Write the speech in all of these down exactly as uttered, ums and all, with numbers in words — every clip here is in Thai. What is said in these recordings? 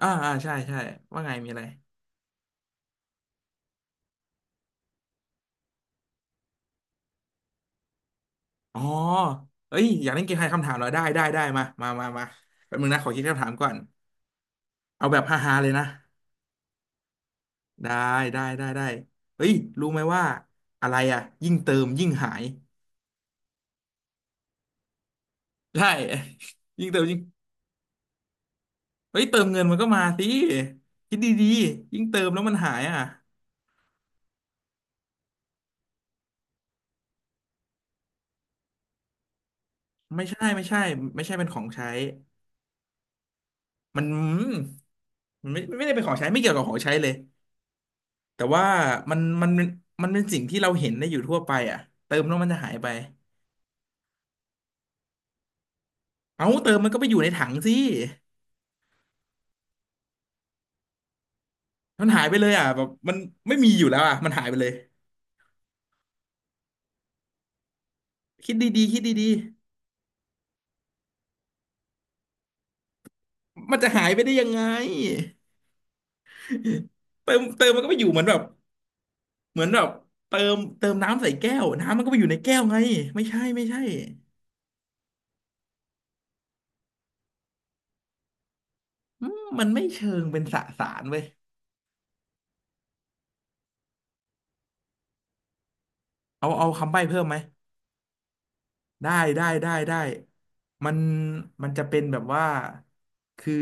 อ่าอ่าใช่ใช่ว่าไงมีอะไรอ๋อเอ้ยอยากเล่นเกมทายคำถามเหรอได้ได้ได้มามามามาแป๊บนึงนะขอคิดคำถามก่อนเอาแบบฮาๆเลยนะได้ได้ได้ได้เฮ้ยรู้ไหมว่าอะไรอะยิ่งเติมยิ่งหายใช่ ยิ่งเติมยิ่งเฮ้ยเติมเงินมันก็มาสิคิดดีๆยิ่งเติมแล้วมันหายอ่ะไม่ใช่ไม่ใช่ไม่ใช่เป็นของใช้มันอืมมันไม่ไม่ได้เป็นของใช้ไม่เกี่ยวกับของใช้เลย แต่ว่ามันมันมันเป็นสิ่งที่เราเห็นได้อยู่ทั่วไปอ่ะเติมแล้วมันจะหายไปเอ้าเติมมันก็ไปอยู่ในถังสิมันหายไปเลยอ่ะแบบมันไม่มีอยู่แล้วอ่ะมันหายไปเลยคิดดีๆคิดดีๆมันจะหายไปได้ยังไงเติมเติมมันก็ไปอยู่เหมือนแบบเหมือนแบบเติมเติมน้ำใส่แก้วน้ำมันก็ไปอยู่ในแก้วไงไม่ใช่ไม่ใช่อืมมันไม่เชิงเป็นสสารเว้ยเอาเอาคำใบ้เพิ่มไหม ได้ได้ได้ได้มันมันจะเป็นแบบว่า คือ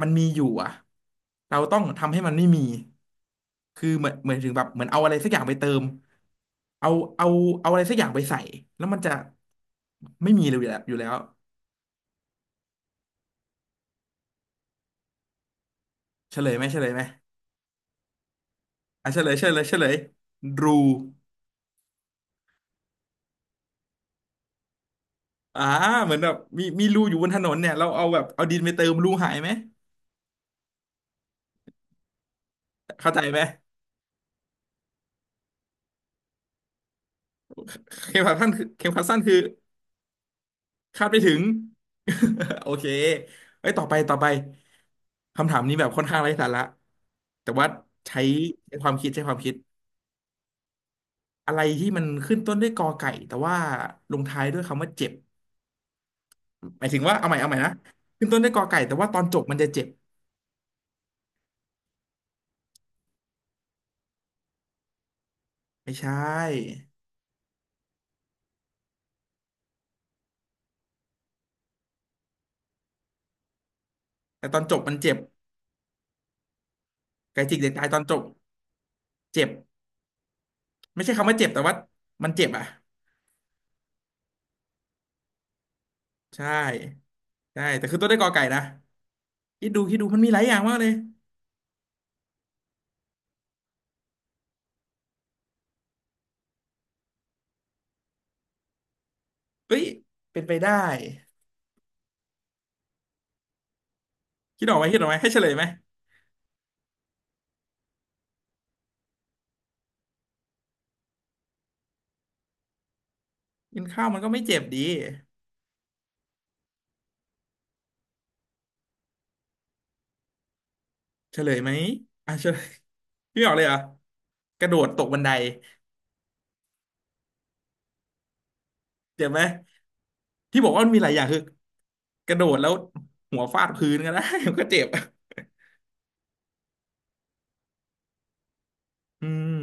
มันมีอยู่อ่ะเราต้องทำให้มันไม่มี คือเหมือนเหมือนถึงแบบเหมือนเอาอะไรสักอย่างไปเติมเอาเอาเอาอะไรสักอย่างไปใส่แล้วมันจะไม่มีเลยอยู่แล้วอยู่แล้วเฉลยไหมเฉลยไหมอ่ะเฉลยเฉลยเฉลยรูอ่าเหมือนแบบมีมีรูอยู่บนถนนเนี่ยเราเอาแบบเอาดินไปเติมรูหายไหมเข้าใจไหมเข็มขัดสั้นคือเข็มขัดสั้นคือ คาดไม่ถึง โอเคเอ้ยต่อไปต่อไปคำถามนี้แบบค่อนข้างไร้สาระแต่ว่าใช้ใช้ความคิดใช้ความคิดอะไรที่มันขึ้นต้นด้วยกอไก่แต่ว่าลงท้ายด้วยคำว่าเจ็บหมายถึงว่าเอาใหม่เอาใหม่นะขึ้นต้นด้วยกอไก่แต่ว่าตอนจบมันจะเจ็บไม่ใช่แต่ตอนจบมันเจ็บไก่จิกเด็กตายตอนจบเจ็บไม่ใช่คำว่าเจ็บแต่ว่ามันเจ็บอ่ะใช่ใช่แต่ขึ้นต้นด้วยกอไก่นะคิดดูคิดดูมันมีหลายอย่างมากเลยเฮ้ยเป็นไปได้ คิดออกไหมคิดออกไหมให้เฉลยไหมกินข้าวมันก็ไม่เจ็บดีเฉลยไหมอ่ะเฉลย พี่บอกเลยเหรอกระโดดตกบันไดเจ็บไหมที่บอกว่ามันมีหลายอย่างคือกระโดดแล้วหัวฟาดพื้นก็ได้ มันก็เจ็บอืม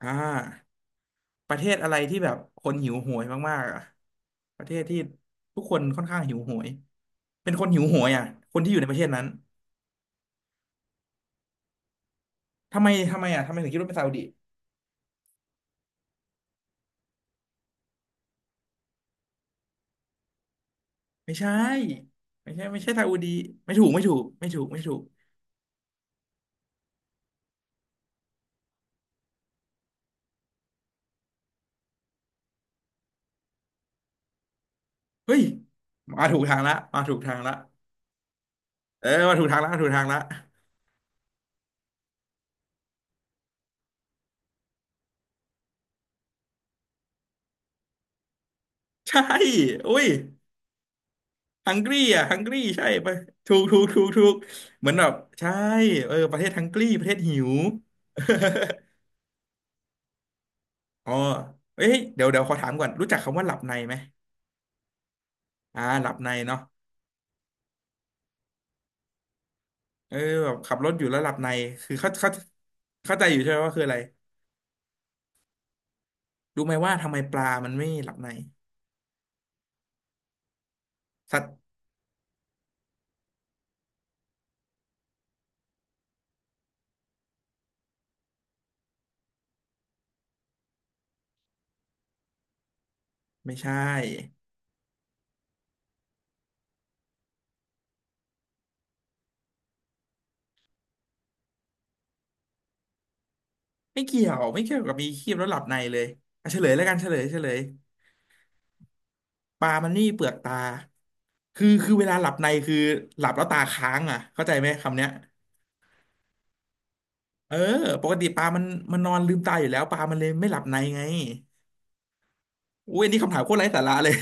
อ่าประเทศอะไรที่แบบคนหิวโหยมากๆอ่ะประเทศที่ทุกคนค่อนข้างหิวโหยเป็นคนหิวโหยอ่ะคนที่อยู่ในประเทศนั้นทำไมทำไมอ่ะทำไมถึงคิดว่าเป็นซาอุดิไม่ใช่ไม่ใช่ไม่ใช่ซาอุดีไม่ถูกไม่ถูกไม่ถูกไม่ถูก เฮ้ยมาถูกทางละมาถูกทางละเออมาถูกทางละมาถูกทางละใช่อุ้ยฮังกรีอ่ะฮังกรีใช่ไปะถูกถูกถูกถูกเหมือนแบบใช่เออประเทศฮังกรีประเทศหิว อ๋อเอ้ยเดี๋ยวเดี๋ยวขอถามก่อนรู้จักคำว่าหลับในไหมอ่าหลับในเนาะเออแบบขับรถอยู่แล้วหลับในคือเขาเขาเข้าใจอยู่ใช่ไหมว่าคืออะไรรู้ไหมว่าทำไมปลามันไม่หลับในสัตว์ไม่ใช่ไม่เกี่ยวไม่เกี่ยวกับมีครีบแล้วหลับในเลยอ่ะเฉลยแล้วกันเฉลยเฉลย ปลามันไม่มีเปลือกตาคือคือ เวลาหลับในคือหลับแล้วตาค้างอ่ะเข้าใจไหมคำเนี้ยเออปกติปลามันมันนอนลืมตาอยู่แล้วปลามันเลยไม่หลับในไงอุ้ยอันนี้คำถามโคตรไร้สาระเลย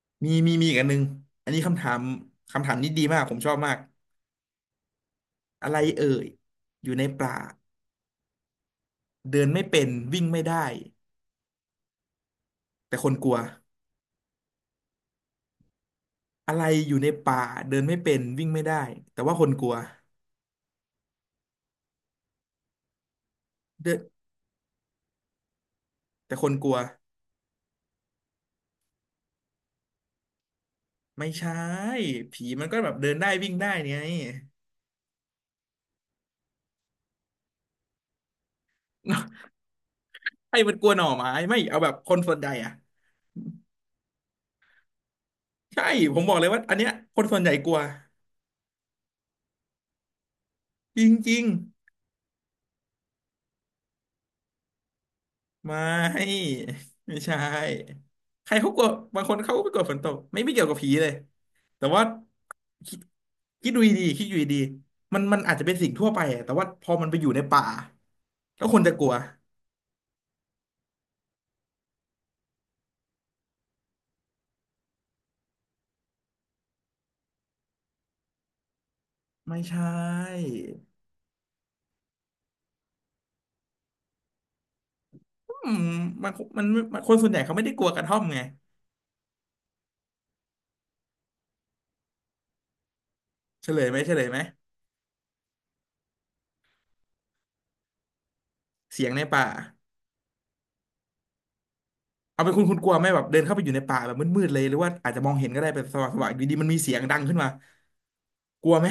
มีมีมีอีกอันหนึงอันนี้คำถามคำถามนี้ดีมาก ผมชอบมากอะไรเอ่ยอยู่ในป่าเดินไม่เป็นวิ่งไม่ได้แต่คนกลัวอะไรอยู่ในป่าเดินไม่เป็นวิ่งไม่ได้แต่ว่าคนกลัวเดินแต่คนกลัว ไม่ใช่ผีมันก็แบบเดินได้วิ่งได้ไง ให้มันกลัวหน่อไม้ไม่เอาแบบคนส่วนใหญ่อ่ะใช่ผมบอกเลยว่าอันเนี้ยคนส่วนใหญ่กลัวจริงๆไม่ไม่ใช่ใครเขากลัวบางคนเขาก็ไม่กลัวฝนตกไม่ไม่เกี่ยวกับผีเลยแต่ว่าคิดคิดดูดีๆคิดดูดีๆมันมันอาจจะเป็นสิ่งทั่วไปอะแต่ว่าพอมันไปอยู่ในป่าแล้วคนจะกลัวไม่ใช่อืมมันมันมันคนส่วนใหญ่เขาไม่ได้กลัวกระท่อมไง เฉลยไหมเฉลยไหมเสียงในป่าเอาเป็นคุณคุณกลัวไหมแบบเดินเข้าไปอยู่ในป่าแบบมืดๆเลยหรือว่าอาจจะมองเห็นก็ได้เป็นสว่างสว่างอยู่ดีๆมันมีเสียงดังขึ้นมากลัวไหม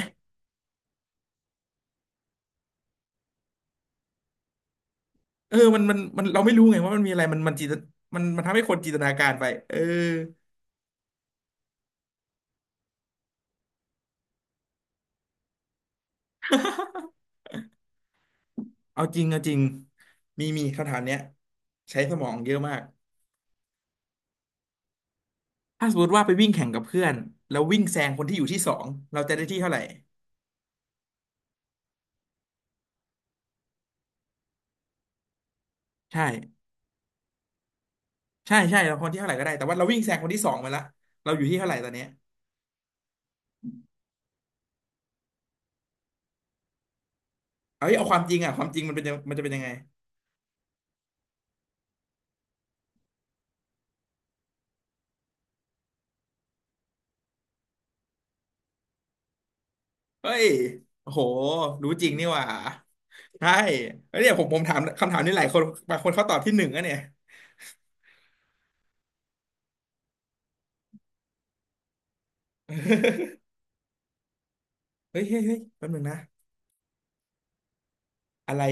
เออมันมันมันเราไม่รู้ไงว่ามันมีอะไรมันมันจินตมันมันทำให้คนจินตนาการไปเออเอาจริงเอาจริงมีมีคำถามเนี้ยใช้สมองเยอะมากถ้าสมมติว่าไปวิ่งแข่งกับเพื่อนแล้ววิ่งแซงคนที่อยู่ที่สองเราจะได้ที่เท่าไหร่ใช่ใช่ใช่เราคนที่เท่าไหร่ก็ได้แต่ว่าเราวิ่งแซงคนที่สองไปละเราอยู่ที่เท่าไหร่ตอนเนี้ยเอ้ยเอาความจริงอ่ะความจริงมันเป็นยังมันจะเป็นยังไง เฮ้ยโอ้โหรู้จริงนี่หว่าใช่เฮ้วเนี่ยผมผมถามคำถามนี้หลายคนบางคนเขาตอบที่หนึ่งอะเนี่ย เฮ้ยเฮ้ยเฮ้ยแป๊บนึงนะอะไร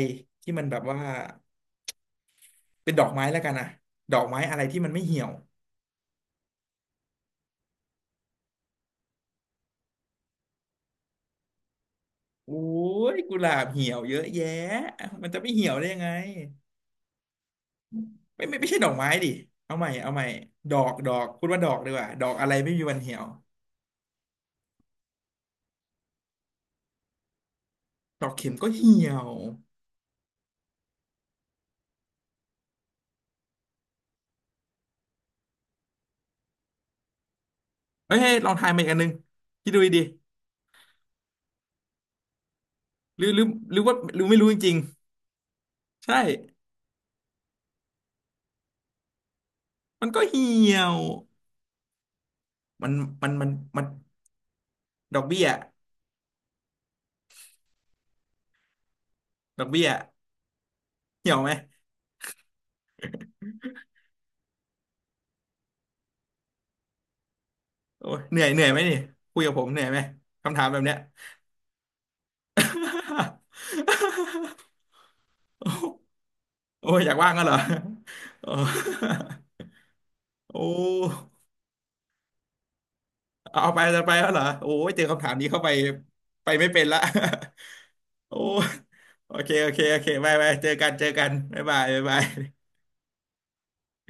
ที่มันแบบว่าเป็นดอกไม้แล้วกันนะดอกไม้อะไรที่มันไม่เหี่ยวโอ้ยกุหลาบเหี่ยวเยอะแยะมันจะไม่เหี่ยวได้ยังไงไม่ไม่ไม่ใช่ดอกไม้ดิเอาใหม่เอาใหม่ดอกดอกพูดว่าดอกดีกว่าดอกอะไรไม่มีวันเหี่ยวดอกเข็มก็เหี่ยวเฮ้ยเฮ้ยลองทายมาอีกอันนึงคิดดูดีๆหรือหรือหรือว่าหรือไม่รู้จริงๆใช่ มันก็เหี่ยว มันมันมันมันดอกเบี้ยดอกเบี้ยเหี่ยวไหมโอ้ยเหนื่อยเหนื่อยไหมนี่คุยกับผมเหนื่อยไหมคำถามแบบเนี้ย โอ้โอ้ยอยากว่างก็เหรอโอ้โอ้เอาไปจะไปแล้วเหรอโอ้ยเจอคำถามนี้เข้าไปไปไม่เป็นละ โอ้โอเคโอเคโอเคบายบายเจอกันเจอกันบ๊ายบายบ๊ายบาย